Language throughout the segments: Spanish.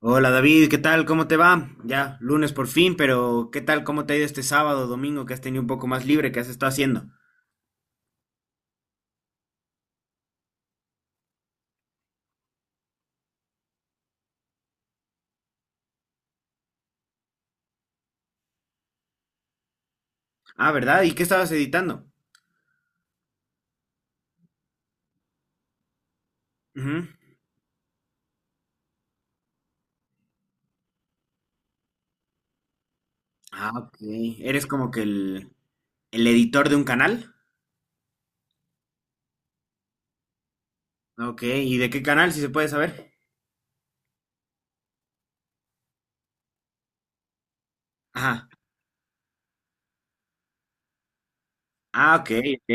Hola David, ¿qué tal? ¿Cómo te va? Ya, lunes por fin, pero ¿qué tal? ¿Cómo te ha ido este sábado, domingo, que has tenido un poco más libre? ¿Qué has estado haciendo? Ah, ¿verdad? ¿Y qué estabas editando? Ujú. Ah, ok. ¿Eres como que el editor de un canal? Ok, ¿y de qué canal, si se puede saber? Ajá. Ah, ok, ok.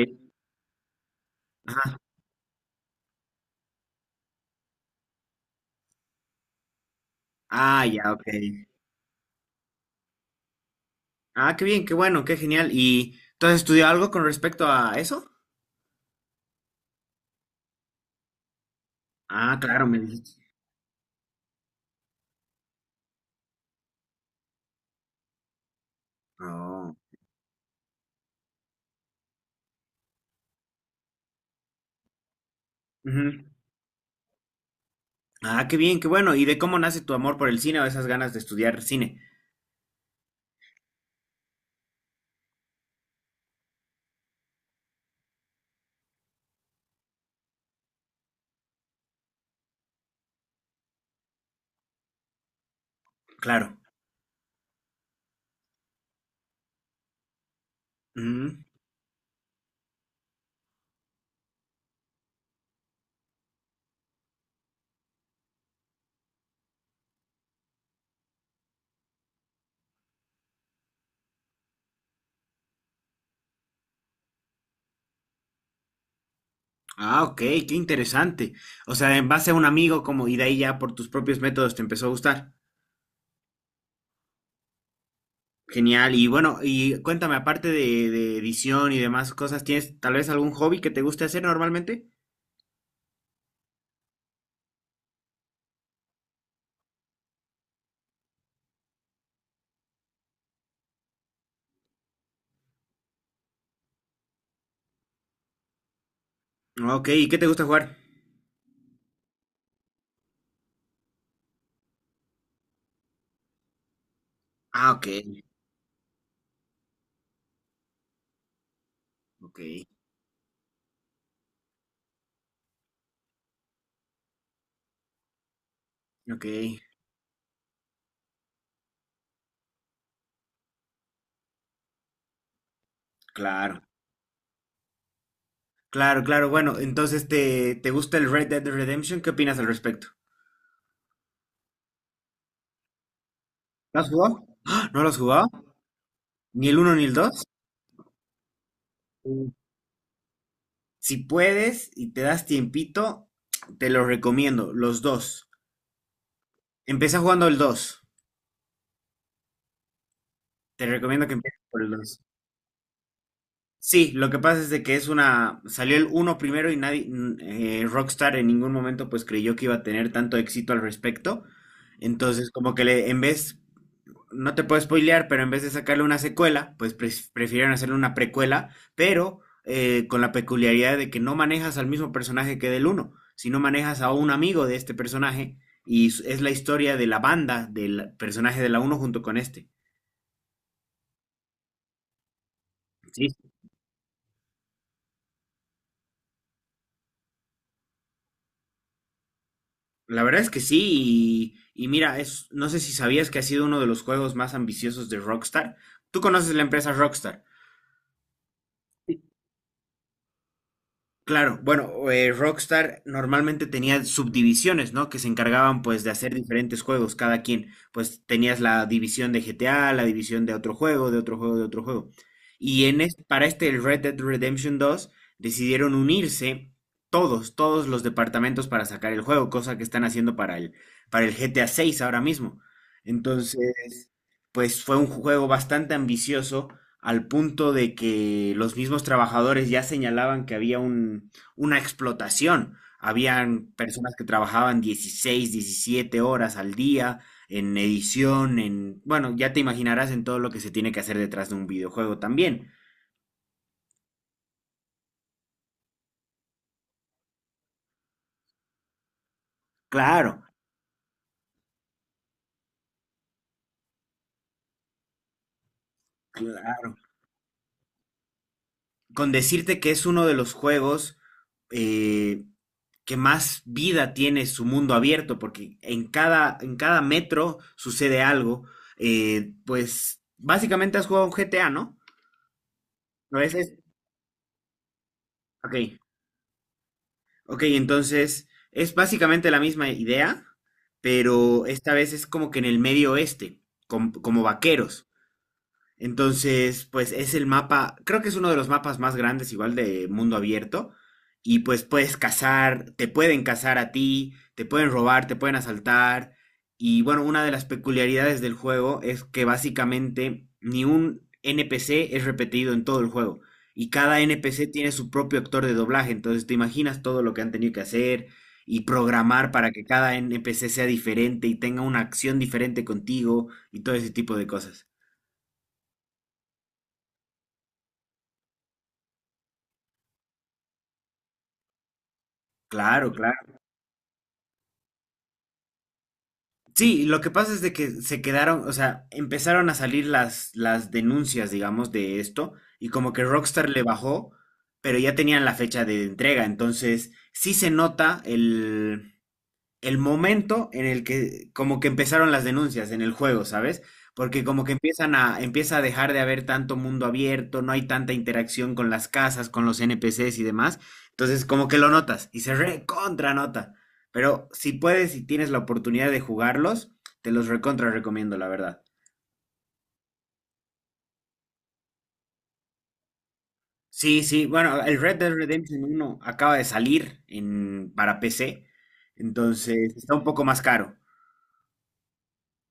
Ajá. Ah, ya, ok. Ah, qué bien, qué bueno, qué genial. ¿Y tú has estudiado algo con respecto a eso? Ah, claro, me dijiste. Oh. Ujú. Ah, qué bien, qué bueno. ¿Y de cómo nace tu amor por el cine o esas ganas de estudiar cine? Claro. Mm. Ah, ok, qué interesante. O sea, en base a un amigo como y de ahí ya por tus propios métodos te empezó a gustar. Genial. Y bueno, y cuéntame, aparte de edición y demás cosas, ¿tienes tal vez algún hobby que te guste hacer normalmente? Ok, ¿y qué te gusta jugar? Ah, ok, ok, ok. Claro, claro, claro. Bueno, entonces, ¿te gusta el Red Dead Redemption? ¿Qué opinas al respecto? ¿Lo has jugado? ¡Ah! ¿No lo has jugado? ¿Ni el uno ni el 2. Si puedes y te das tiempito, te los recomiendo, los dos. Empieza jugando el 2. Te recomiendo que empieces por el dos. Sí, lo que pasa es de que es una... Salió el uno primero y nadie... Rockstar en ningún momento pues creyó que iba a tener tanto éxito al respecto. Entonces como que le, en vez no te puedo spoilear, pero en vez de sacarle una secuela, pues prefirieron hacerle una precuela, pero con la peculiaridad de que no manejas al mismo personaje que del uno, sino manejas a un amigo de este personaje y es la historia de la banda del personaje de la uno junto con este. Sí, la verdad es que sí, y mira, es, no sé si sabías que ha sido uno de los juegos más ambiciosos de Rockstar. Tú conoces la empresa Rockstar. Claro, bueno, Rockstar normalmente tenía subdivisiones, ¿no? Que se encargaban pues de hacer diferentes juegos, cada quien. Pues tenías la división de GTA, la división de otro juego, de otro juego, de otro juego. Y para este el Red Dead Redemption 2 decidieron unirse todos los departamentos para sacar el juego, cosa que están haciendo para el GTA 6 ahora mismo. Entonces, pues fue un juego bastante ambicioso al punto de que los mismos trabajadores ya señalaban que una explotación. Habían personas que trabajaban 16 17 horas al día en edición, en... Bueno, ya te imaginarás en todo lo que se tiene que hacer detrás de un videojuego también. Claro, claro. Con decirte que es uno de los juegos eh, que más vida tiene su mundo abierto, porque en cada metro sucede algo. Pues básicamente has jugado un G T A, ¿no? A veces. Ok, ok, entonces es básicamente la misma idea, pero esta vez es como que en el medio oeste, como vaqueros. Entonces, pues es el mapa, creo que es uno de los mapas más grandes, igual de mundo abierto. Y pues puedes cazar, te pueden cazar a ti, te pueden robar, te pueden asaltar. Y bueno, una de las peculiaridades del juego es que básicamente ni un NPC es repetido en todo el juego. Y cada NPC tiene su propio actor de doblaje. Entonces te imaginas todo lo que han tenido que hacer y programar para que cada NPC sea diferente y tenga una acción diferente contigo y todo ese tipo de cosas. Claro, claro. Sí, lo que pasa es de que se quedaron, o sea, empezaron a salir las denuncias, digamos, de esto, y como que Rockstar le bajó, pero ya tenían la fecha de entrega, entonces sí se nota el momento en el que como que empezaron las denuncias en el juego, ¿sabes? Porque como que empieza a dejar de haber tanto mundo abierto, no hay tanta interacción con las casas, con los NPCs y demás. Entonces como que lo notas y se recontra nota. Pero si puedes y tienes la oportunidad de jugarlos, te los recontra recomiendo, la verdad. Sí, sí, bueno, el Red Dead Redemption uno acaba de salir para PC, entonces está un poco más caro.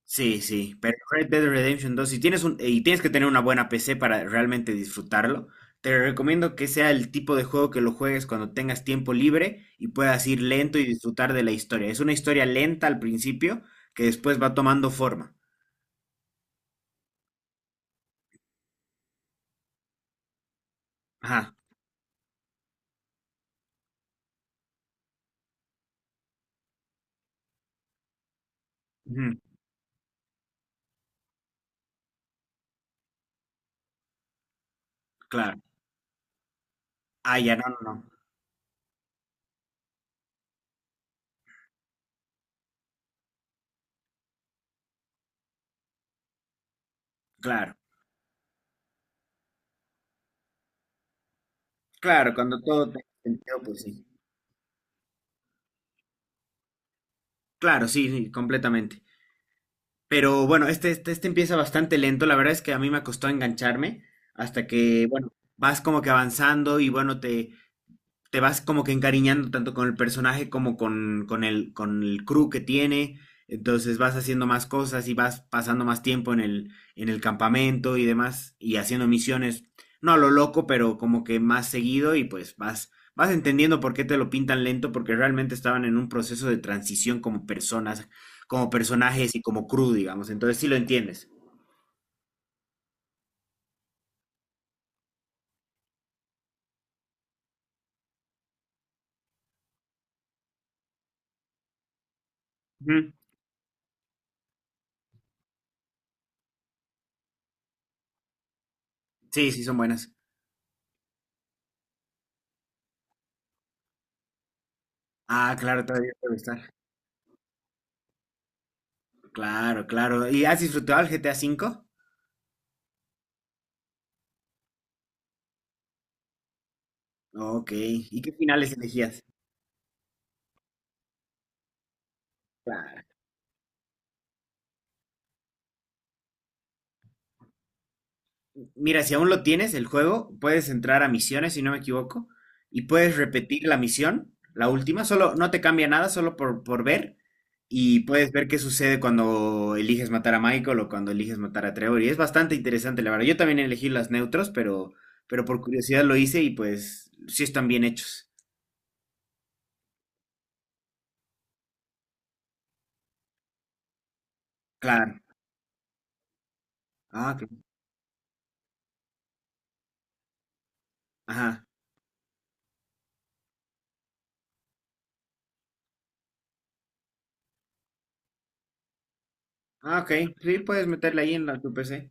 Sí, sí, pero Red Dead Redemption 2, si tienes un, y tienes que tener una buena PC para realmente disfrutarlo, te recomiendo que sea el tipo de juego que lo juegues cuando tengas tiempo libre y puedas ir lento y disfrutar de la historia. Es una historia lenta al principio que después va tomando forma. Ajá, ujú, claro. Ah, ya, no, no, no. Claro, claro, cuando todo tenga sentido, pues sí. Claro, sí, sí, completamente. Pero bueno, este empieza bastante lento. La verdad es que a mí me costó engancharme hasta que, bueno, vas como que avanzando y bueno, te vas como que encariñando tanto con el personaje como con el crew que tiene. Entonces vas haciendo más cosas y vas pasando más tiempo en el campamento y demás, y haciendo misiones, no a lo loco, pero como que más seguido y pues vas, vas entendiendo por qué te lo pintan lento, porque realmente estaban en un proceso de transición como personas, como personajes y como crew, digamos. Entonces sí lo entiendes. Ujú. Sí, sí, son buenas. Ah, claro, todavía puede estar. Claro, claro. ¿Y has disfrutado el GTA cinco? Ok, ¿y qué finales elegías? Claro. Mira, si aún lo tienes, el juego, puedes entrar a misiones, si no me equivoco, y puedes repetir la misión, la última, solo no te cambia nada, solo por ver, y puedes ver qué sucede cuando eliges matar a Michael o cuando eliges matar a Trevor, y es bastante interesante, la verdad. Yo también elegí las neutros, pero por curiosidad lo hice y pues sí están bien hechos. Claro. Ah, ok. Ajá. Ah, ok. Sí, puedes meterla ahí en la, tu PC.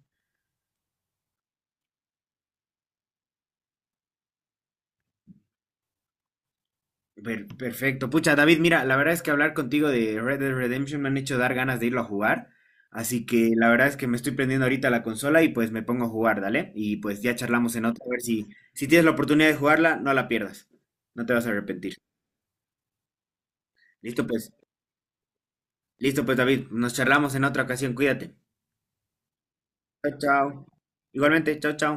Perfecto. Pucha, David, mira, la verdad es que hablar contigo de Red Dead Redemption me han hecho dar ganas de irlo a jugar. Así que la verdad es que me estoy prendiendo ahorita la consola y pues me pongo a jugar, dale. Y pues ya charlamos en otra. A ver si, si tienes la oportunidad de jugarla, no la pierdas. No te vas a arrepentir. Listo, pues. Listo, pues, David. Nos charlamos en otra ocasión. Cuídate. Chao, chao. Igualmente, chao, chao.